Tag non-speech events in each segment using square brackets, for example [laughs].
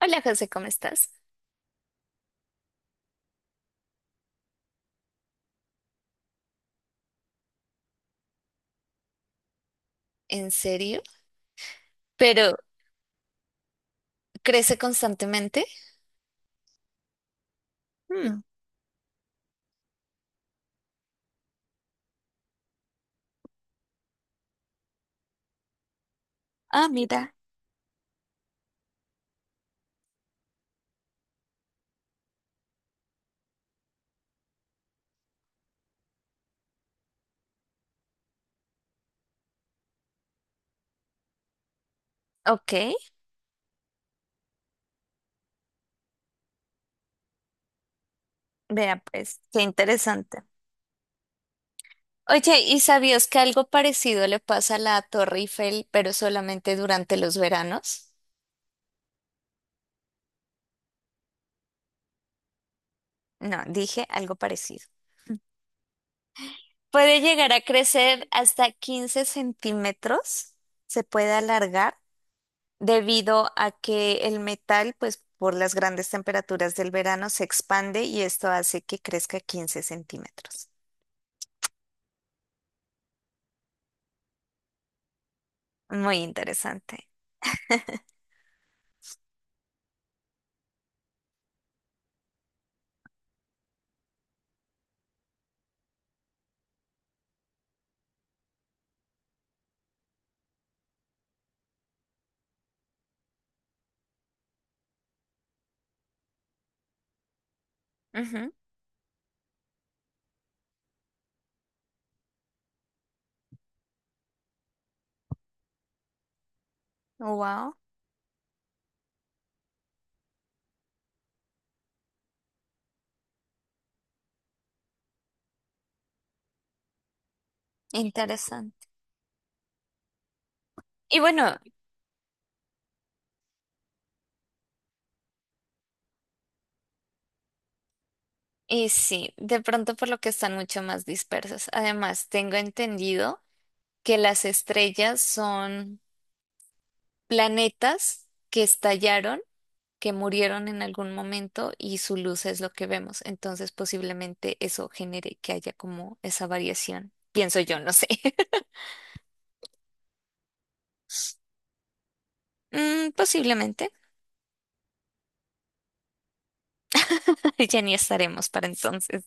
Hola José, ¿cómo estás? ¿En serio? ¿Pero crece constantemente? Hmm. Ah, mira. Ok, vea pues, qué interesante. Oye, ¿y sabías que algo parecido le pasa a la Torre Eiffel, pero solamente durante los veranos? No, dije algo parecido. Puede llegar a crecer hasta 15 centímetros, se puede alargar debido a que el metal, pues por las grandes temperaturas del verano, se expande y esto hace que crezca 15 centímetros. Muy interesante. Wow, interesante. Y bueno, y sí, de pronto por lo que están mucho más dispersos. Además, tengo entendido que las estrellas son planetas que estallaron, que murieron en algún momento y su luz es lo que vemos. Entonces, posiblemente eso genere que haya como esa variación. Pienso yo, no sé. [laughs] Mm, posiblemente. [laughs] Ya ni estaremos para entonces.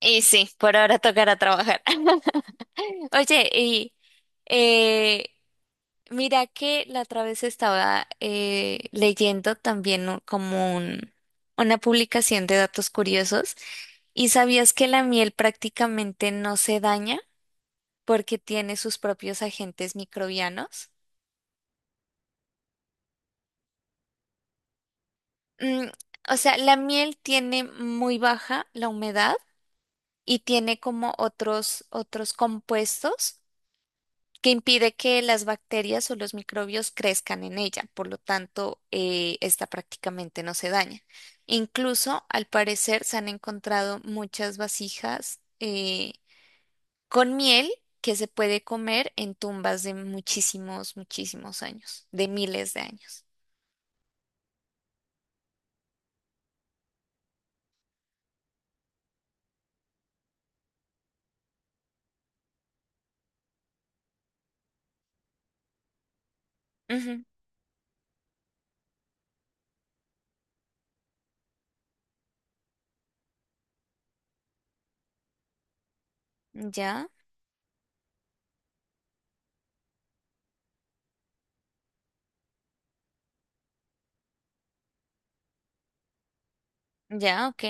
Y sí, por ahora tocará trabajar. [laughs] Oye, y eh, mira que la otra vez estaba leyendo también una publicación de datos curiosos. ¿Y sabías que la miel prácticamente no se daña? Porque tiene sus propios agentes microbianos. Mm, o sea, la miel tiene muy baja la humedad y tiene como otros compuestos que impide que las bacterias o los microbios crezcan en ella. Por lo tanto, esta prácticamente no se daña. Incluso, al parecer, se han encontrado muchas vasijas con miel que se puede comer en tumbas de muchísimos años, de miles de años. Ya, ya, ok.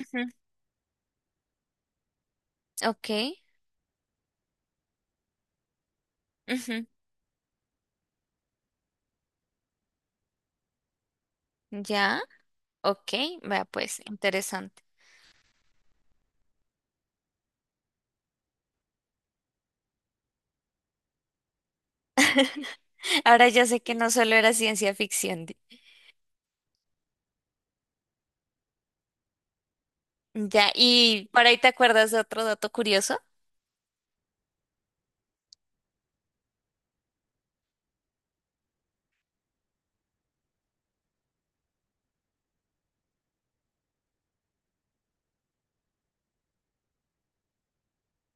Ujú. Ok, ujú, ya, ok. Vea, pues, interesante. [laughs] Ahora ya sé que no solo era ciencia ficción. Ya, y por ahí te acuerdas de otro dato curioso.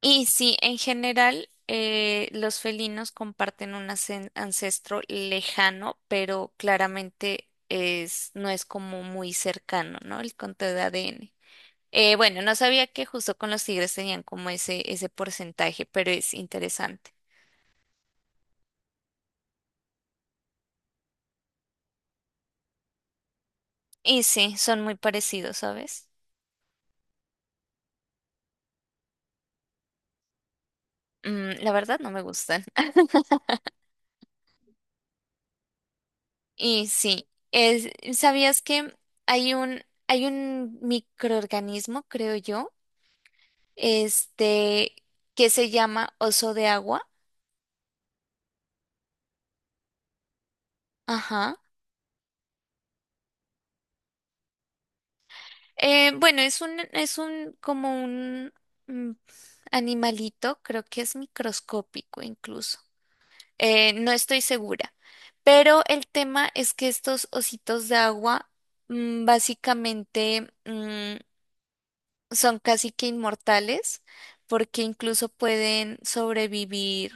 Y sí, en general, los felinos comparten un ancestro lejano, pero claramente es, no es como muy cercano, ¿no? El conteo de ADN. Bueno, no sabía que justo con los tigres tenían como ese porcentaje, pero es interesante. Y sí, son muy parecidos, ¿sabes? Mm, la verdad no me gustan. [laughs] Y sí, ¿sabías que hay hay un microorganismo, creo yo, este, que se llama oso de agua? Ajá. Bueno, es es un, como un mm, animalito, creo que es microscópico incluso. No estoy segura, pero el tema es que estos ositos de agua básicamente son casi que inmortales porque incluso pueden sobrevivir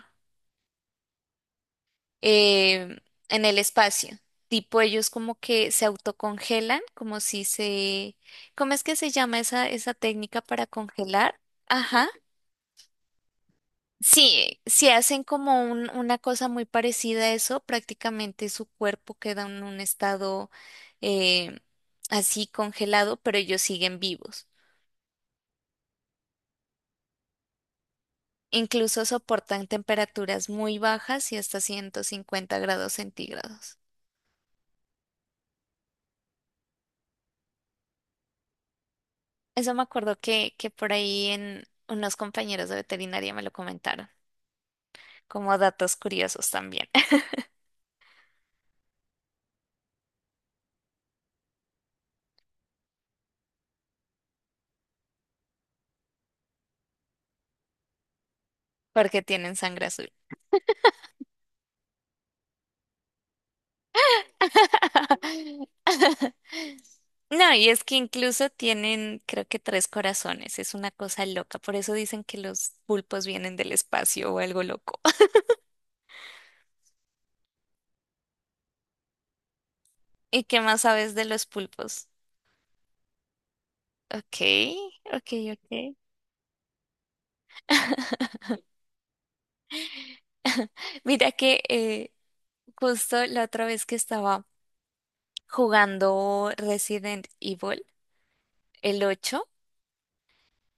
eh, en el espacio. Tipo, ellos como que se autocongelan, como si se... ¿Cómo es que se llama esa técnica para congelar? Ajá. Sí, si hacen como una cosa muy parecida a eso, prácticamente su cuerpo queda en un estado eh, así congelado, pero ellos siguen vivos. Incluso soportan temperaturas muy bajas y hasta 150 grados centígrados. Eso me acuerdo que por ahí en unos compañeros de veterinaria me lo comentaron, como datos curiosos también. [laughs] Porque tienen sangre azul. [laughs] No, y es que incluso tienen, creo que tres corazones, es una cosa loca, por eso dicen que los pulpos vienen del espacio o algo loco. [laughs] ¿Y qué más sabes de los pulpos? Ok, ok, ok. [laughs] Mira que justo la otra vez que estaba jugando Resident Evil, el 8,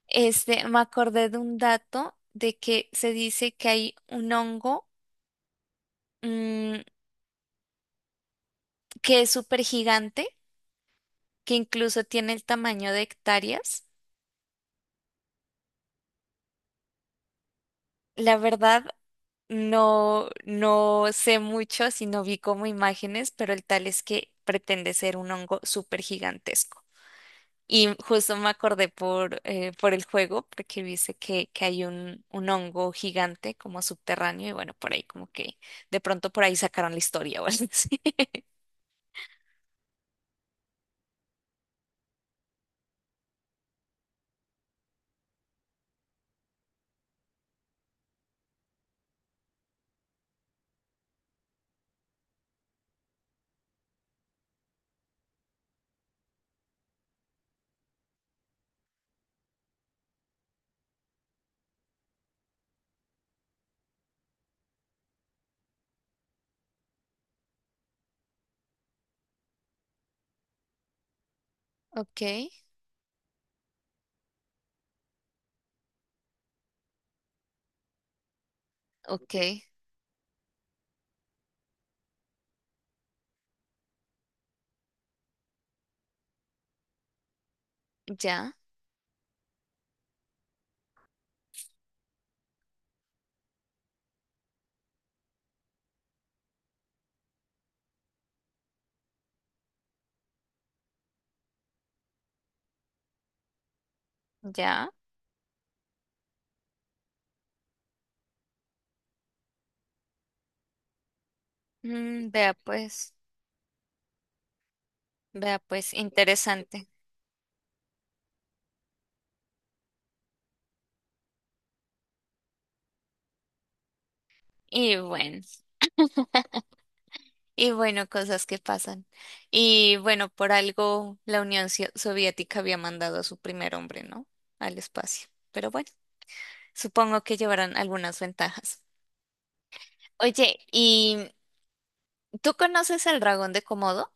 me acordé de un dato de que se dice que hay un hongo mm, que es súper gigante, que incluso tiene el tamaño de hectáreas. La verdad, no sé mucho, sino vi como imágenes, pero el tal es que pretende ser un hongo súper gigantesco. Y justo me acordé por el juego, porque dice que hay un hongo gigante como subterráneo, y bueno, por ahí como que de pronto por ahí sacaron la historia o algo así. [laughs] Ok, ok, ya, ya. Mm, vea pues, interesante. Y bueno. Y bueno, cosas que pasan. Y bueno, por algo la Unión Soviética había mandado a su primer hombre, ¿no? Al espacio. Pero bueno, supongo que llevarán algunas ventajas. Oye, ¿y tú conoces al dragón de Komodo?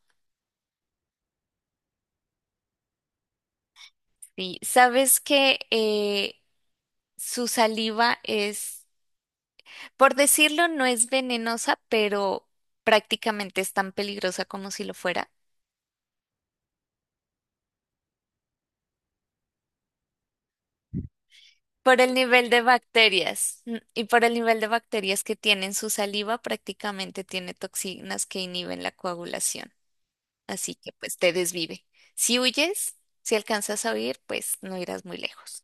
Sí, sabes que su saliva es, por decirlo, no es venenosa, pero prácticamente es tan peligrosa como si lo fuera. Por el nivel de bacterias y por el nivel de bacterias que tiene en su saliva, prácticamente tiene toxinas que inhiben la coagulación. Así que pues te desvive. Si huyes, si alcanzas a huir, pues no irás muy lejos.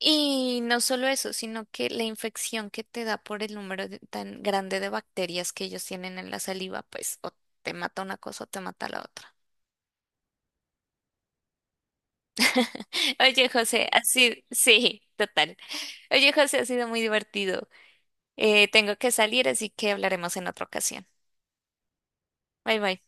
Y no solo eso, sino que la infección que te da por el tan grande de bacterias que ellos tienen en la saliva, pues o te mata una cosa o te mata la otra. [laughs] Oye, José, así, sí, total. Oye, José, ha sido muy divertido. Tengo que salir, así que hablaremos en otra ocasión. Bye bye.